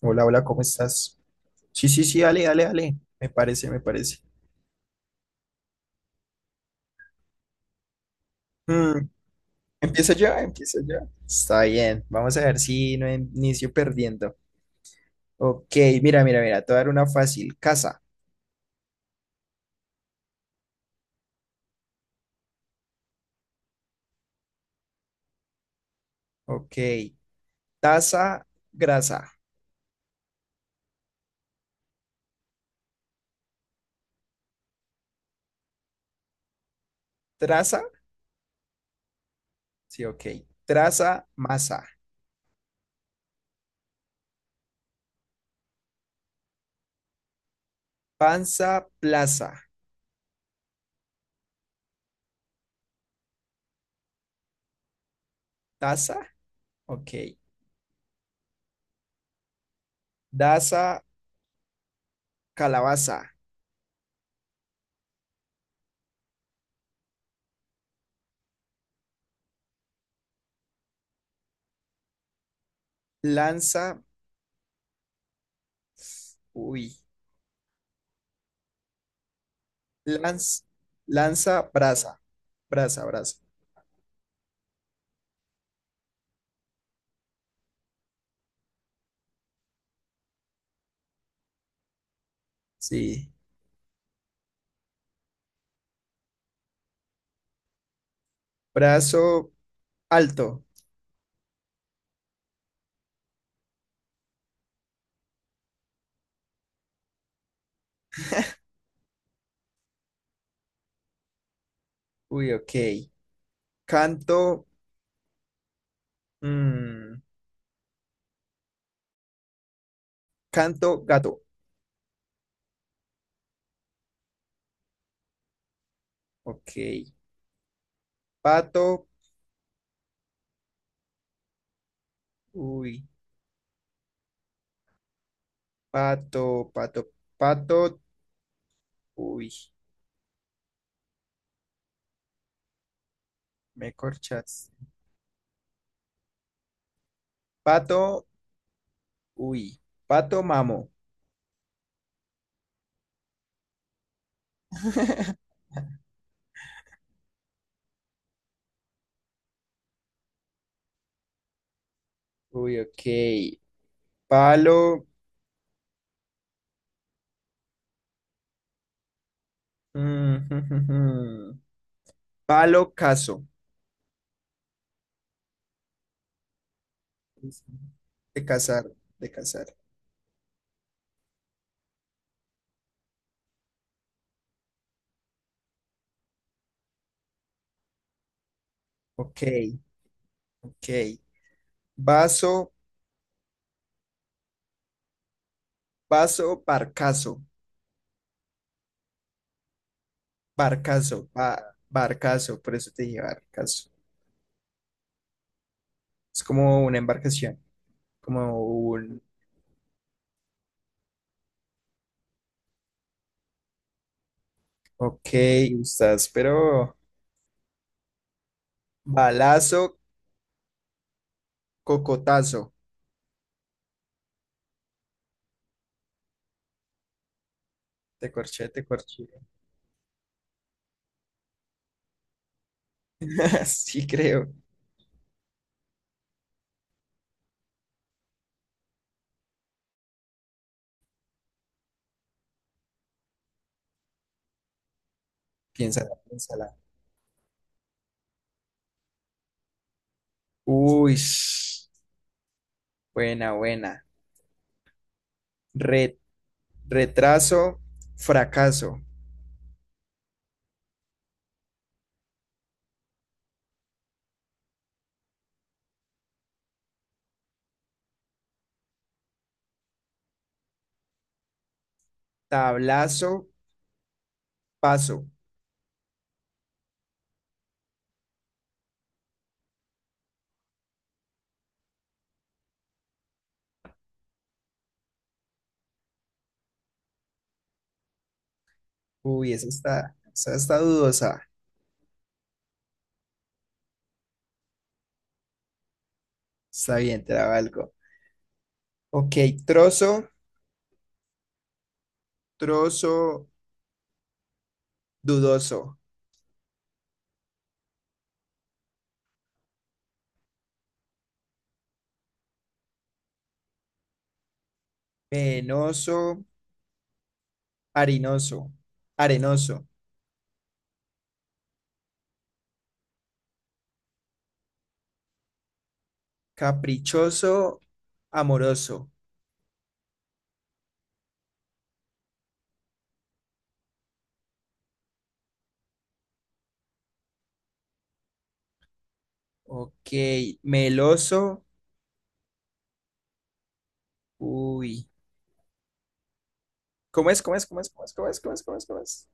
Hola, hola, ¿cómo estás? Sí, sí, sí, dale, dale, dale. Me parece, me parece. Mm, empieza ya, empieza ya. Está bien, vamos a ver si no inicio perdiendo. Ok, mira, mira, mira, te voy a dar una fácil. Casa, ok. Taza, grasa. Traza, sí, ok. Traza, masa. Panza, plaza. Taza, ok. Daza, calabaza. Lanza, uy. Lanz, lanza, brasa. Brasa, brasa. Sí. Brazo alto. Uy, ok. Canto. mm, Canto gato. Ok. Pato. Uy. Pato, pato, pato. Uy. Me corchas. Pato. Uy. Pato mamo. Uy, ok. Palo. mm, Palo caso. De cazar, de cazar. Ok, ok. Vaso, vaso, barcazo. Barcazo, ba- barcazo, por eso te dije barcazo. Es como una embarcación, como un... Ok, estás, pero... Balazo, cocotazo. Te corché, te corché. Sí, creo. Piénsala, piénsala. Uy, buena, buena. Re- retraso, fracaso. Tablazo, paso. Uy, esa está dudosa. Está bien, te la valgo. Ok, trozo, trozo. Dudoso, penoso, harinoso, arenoso, caprichoso, amoroso. Ok, meloso. Uy. ¿Cómo es? ¿Cómo es? ¿Cómo es? ¿Cómo es? ¿Cómo es? ¿Cómo es? ¿Cómo es? ¿Cómo es?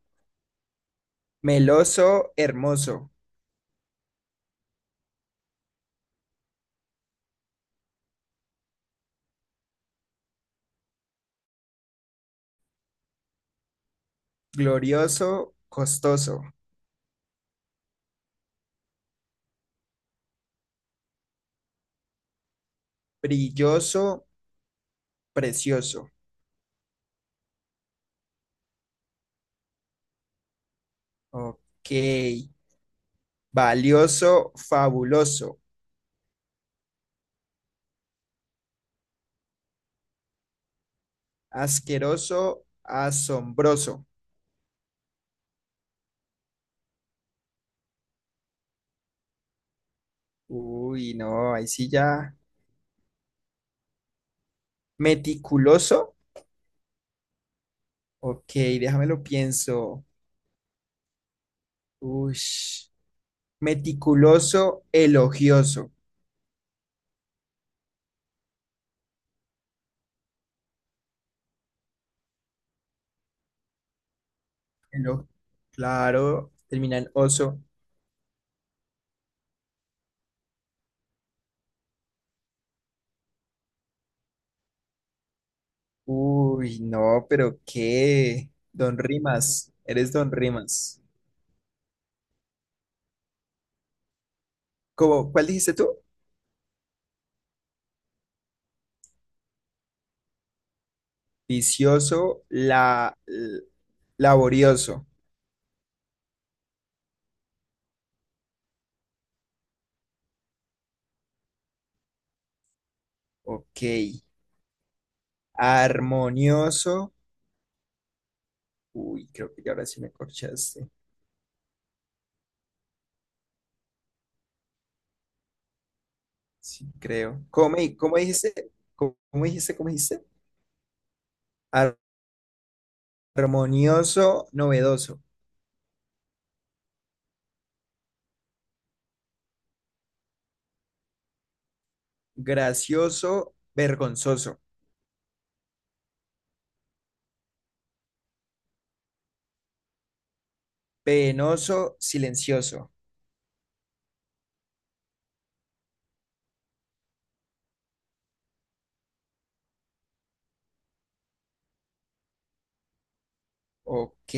Meloso, hermoso, glorioso, costoso, brilloso, precioso. Ok. Valioso, fabuloso, asqueroso, asombroso. Uy, no, ahí sí ya. Meticuloso, ok, déjame lo pienso. Ush. Meticuloso, elogioso. Elo- claro, termina en oso. Uy, no, pero qué. Don Rimas, eres Don Rimas. ¿Cómo, cuál dijiste tú? Vicioso, la, l- laborioso. Ok. Armonioso. Uy, creo que ya ahora sí me corchaste. Sí, creo. ¿Cómo, me- cómo dijiste? ¿Cómo, cómo dijiste? ¿Cómo dijiste? Armonioso, novedoso, gracioso, vergonzoso, penoso, silencioso. Ok,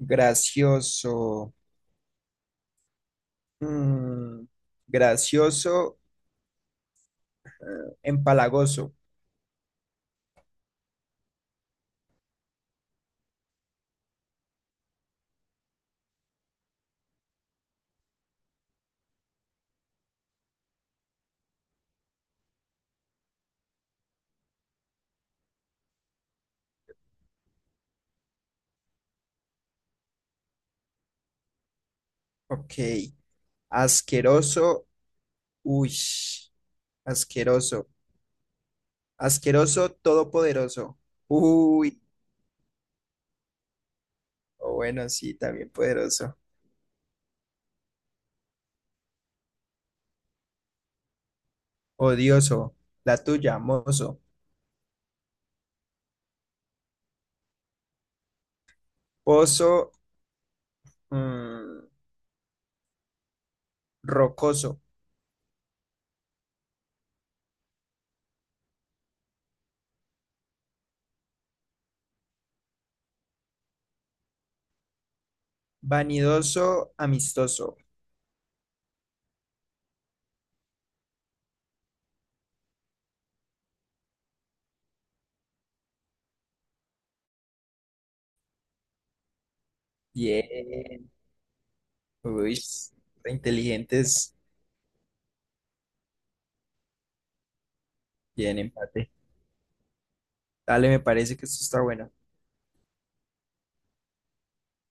gracioso, mm, gracioso, empalagoso. Ok, asqueroso, uy, asqueroso, asqueroso, todopoderoso. Uy, o bueno, sí, también poderoso. Odioso, la tuya, mozo, pozo, mm, rocoso. Vanidoso, amistoso. Bien. Uy, re inteligentes. Bien, empate. Dale, me parece que esto está bueno.